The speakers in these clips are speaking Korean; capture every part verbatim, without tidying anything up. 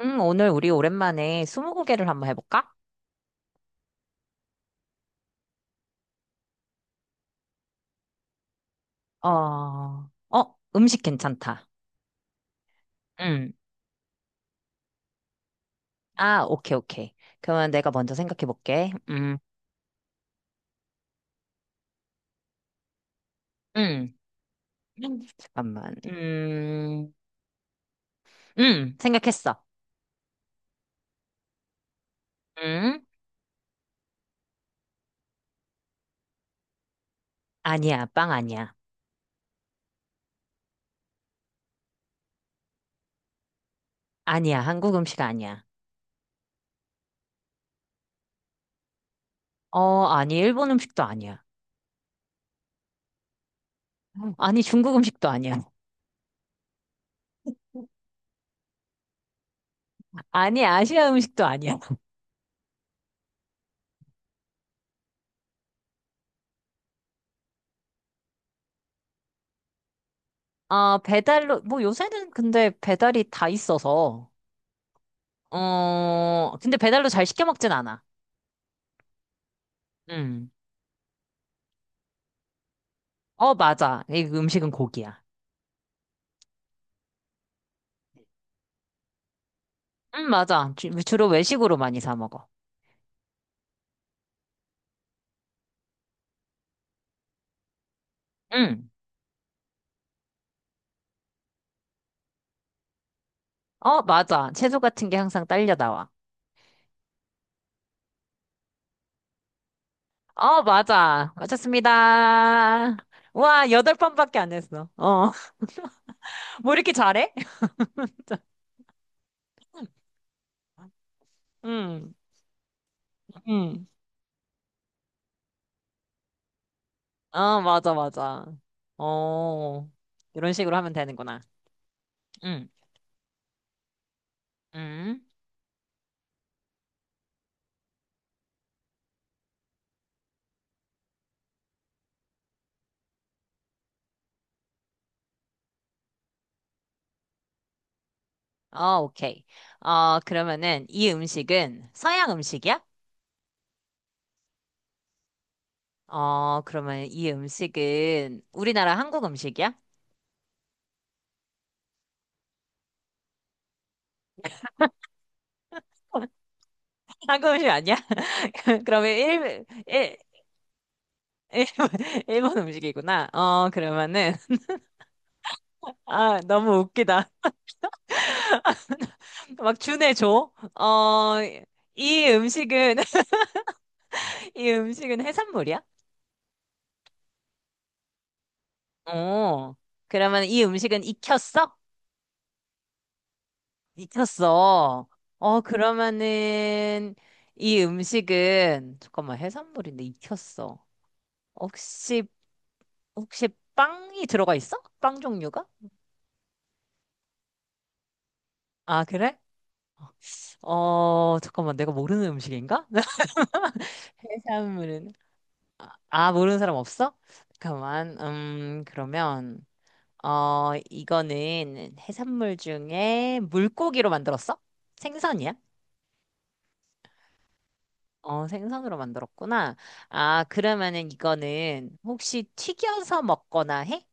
응, 오늘 우리 오랜만에 스무고개를 한번 해볼까? 어, 어, 음식 괜찮다. 응. 아, 오케이, 오케이. 그러면 내가 먼저 생각해볼게. 음, 음, 잠깐만. 음, 음, 생각했어. 음, 아니야, 빵 아니야. 아니야, 한국 음식 아니야. 어, 아니, 일본 음식도 아니야. 아니, 중국 음식도 아니야. 아니, 아시아 음식도 아니야. 어, 배달로, 뭐 요새는 근데 배달이 다 있어서, 어, 근데 배달로 잘 시켜 먹진 않아. 응. 어, 맞아. 이 음식은 고기야. 응, 맞아. 주, 주로 외식으로 많이 사 먹어. 응. 어, 맞아. 채소 같은 게 항상 딸려 나와. 어, 맞아. 맞췄습니다. 와, 여덟 번밖에 안 했어. 어. 뭐 이렇게 잘해? 자, 응, 응. 아, 맞아, 맞아. 어, 이런 식으로 하면 되는구나. 응, 응. 어, 오케이. 어, 그러면은 이 음식은 서양 음식이야? 어, 그러면 이 음식은 우리나라 한국 음식이야? 한국 음식 아니야? 그러면 일, 일, 일, 일본 음식이구나. 어, 그러면은, 아, 너무 웃기다. 막 준해 줘. 어, 이 음식은, 이 음식은 해산물이야? 어, 그러면 이 음식은 익혔어? 익혔어. 어, 그러면은, 이 음식은, 잠깐만, 해산물인데 익혔어. 혹시 혹시 빵이 들어가 있어? 빵 종류가? 아, 그래? 어, 잠깐만, 내가 모르는 음식인가? 해산물은. 아, 모르는 사람 없어? 잠깐만, 음, 그러면, 어, 이거는 해산물 중에 물고기로 만들었어? 생선이야? 어, 생선으로 만들었구나. 아, 그러면은 이거는 혹시 튀겨서 먹거나 해?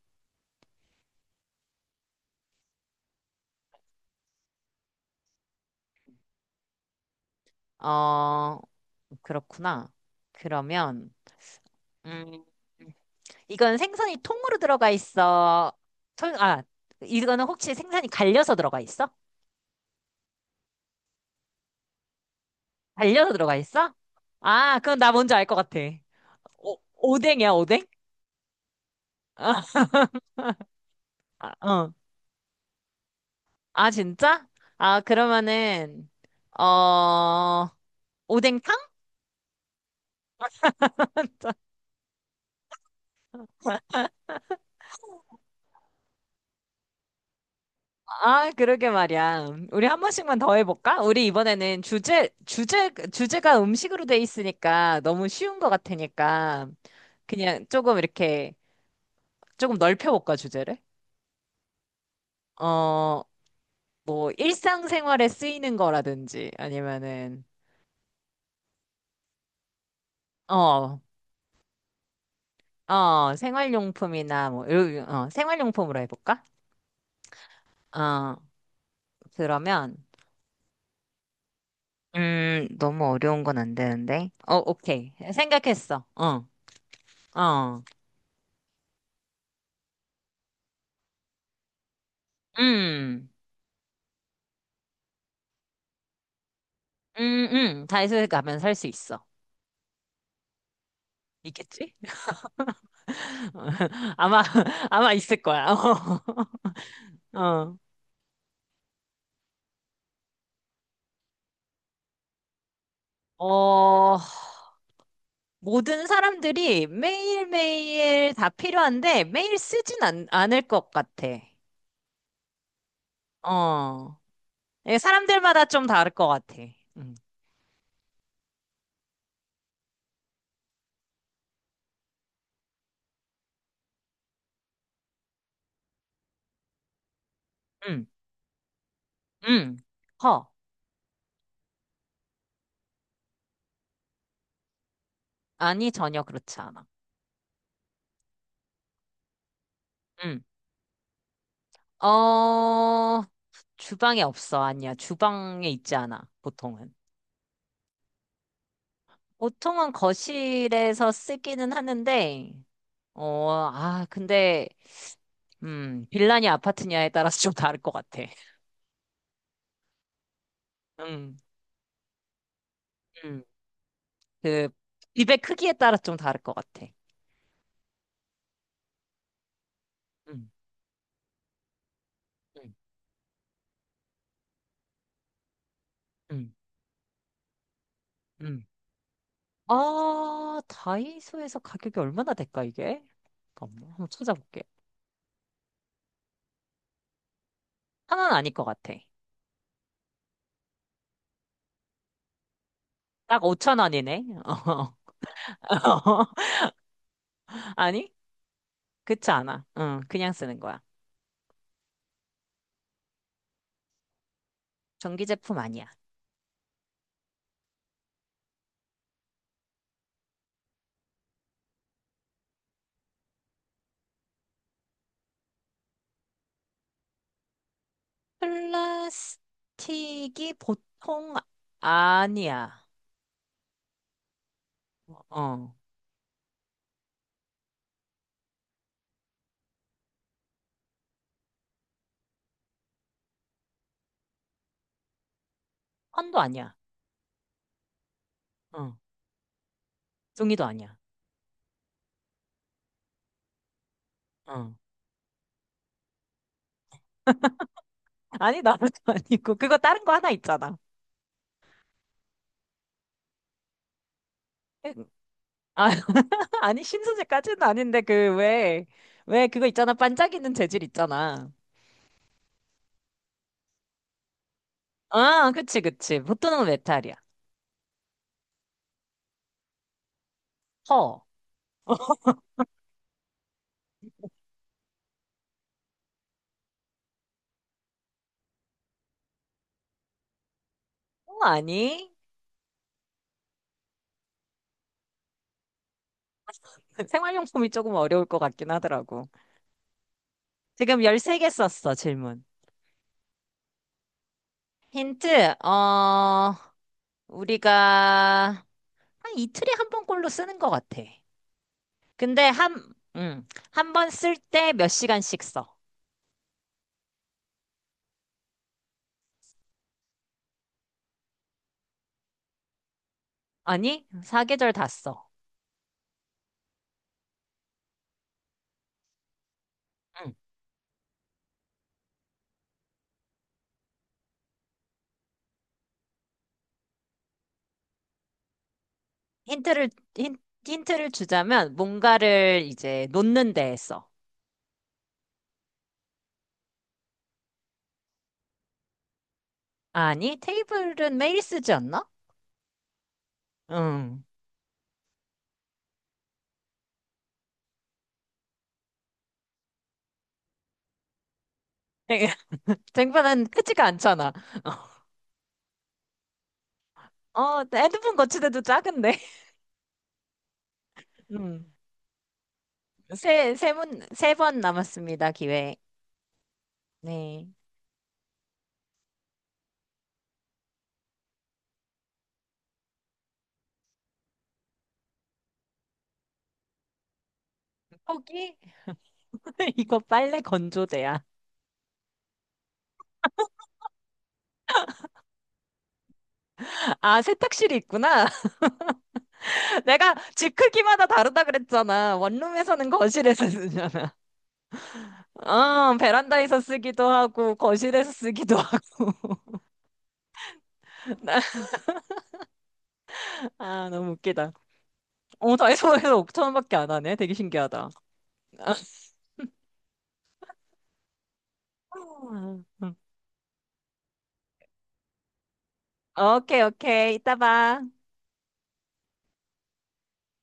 어, 그렇구나. 그러면, 음, 이건 생선이 통으로 들어가 있어. 통, 아, 이거는 혹시 생선이 갈려서 들어가 있어? 갈려서 들어가 있어? 아, 그럼 나 뭔지 알 것 같아. 오, 오뎅이야, 오뎅? 아, 아, 어. 아, 진짜? 아, 그러면은, 어, 오뎅탕? 아, 그러게 말이야. 우리 한 번씩만 더 해볼까? 우리 이번에는 주제, 주제, 주제가 음식으로 돼 있으니까 너무 쉬운 것 같으니까 그냥 조금 이렇게 조금 넓혀볼까, 주제를? 어, 뭐, 일상생활에 쓰이는 거라든지, 아니면은, 어, 어, 생활용품이나 뭐, 이런- 어, 생활용품으로 해볼까? 어, 그러면, 음, 너무 어려운 건 안 되는데. 어, 오케이. 생각했어. 어, 어, 음, 음, 음, 다이소에 가면 살 수 있어. 있겠지? 아마, 아마 있을 거야. 어, 어, 모든 사람들이 매일매일 다 필요한데 매일 쓰진 않, 않을 것 같아. 어. 예, 사람들마다 좀 다를 것 같아. 음. 음. 음. 허. 아니, 전혀 그렇지 않아. 음. 어, 주방에 없어. 아니야. 주방에 있지 않아. 보통은. 보통은 거실에서 쓰기는 하는데, 어, 아, 근데, 음, 빌라냐 아파트냐에 따라서 좀 다를 것 같아. 음. 음. 그 입의 크기에 따라 좀 다를 것 같아. 음, 음, 음, 음. 아, 다이소에서 가격이 얼마나 될까, 이게? 잠깐만, 한번 찾아볼게. 하나는 아닐 것 같아. 딱 오천 원이네. 아니? 그렇지 않아. 응, 그냥 쓰는 거야. 전기 제품 아니야. 플라스틱이 보통 아니야. 어, 헌도 아니야. 어, 종이도 아니야. 어. 아니, 나도 아니고. 그거 다른 거 하나 있잖아. 아, 아니, 신소재까지는 아닌데, 그, 왜, 왜 그거 있잖아. 반짝이는 재질 있잖아. 아, 그치, 그치. 보통은 메탈이야. 허. 어, 아니? 생활용품이 조금 어려울 것 같긴 하더라고. 지금 열세 개 썼어, 질문. 힌트, 어, 우리가 한 이틀에 한 번꼴로 쓰는 것 같아. 근데 한, 음, 한 번 쓸 때 몇 시간씩 써. 아니, 사계절 다 써. 응. 힌트를, 힌, 힌트를 주자면, 뭔가를 이제 놓는 데에 써. 아니, 테이블은 매일 쓰지 않나? 응. 쟁반은 크지가 않잖아. 어, 핸드폰 거치대도 작은데. 음. 세, 세 문, 세 번 남았습니다, 기회. 네. 포기? 이거 빨래 건조대야. 아, 세탁실이 있구나. 내가 집 크기마다 다르다 그랬잖아. 원룸에서는 거실에서 쓰잖아. 어, 베란다에서 쓰기도 하고, 거실에서 쓰기도 하고. 나- 아, 너무 웃기다. 어, 다이소에서 오천 원밖에 안 하네. 되게 신기하다. 아, 응. 오케이, 오케이. 이따 봐.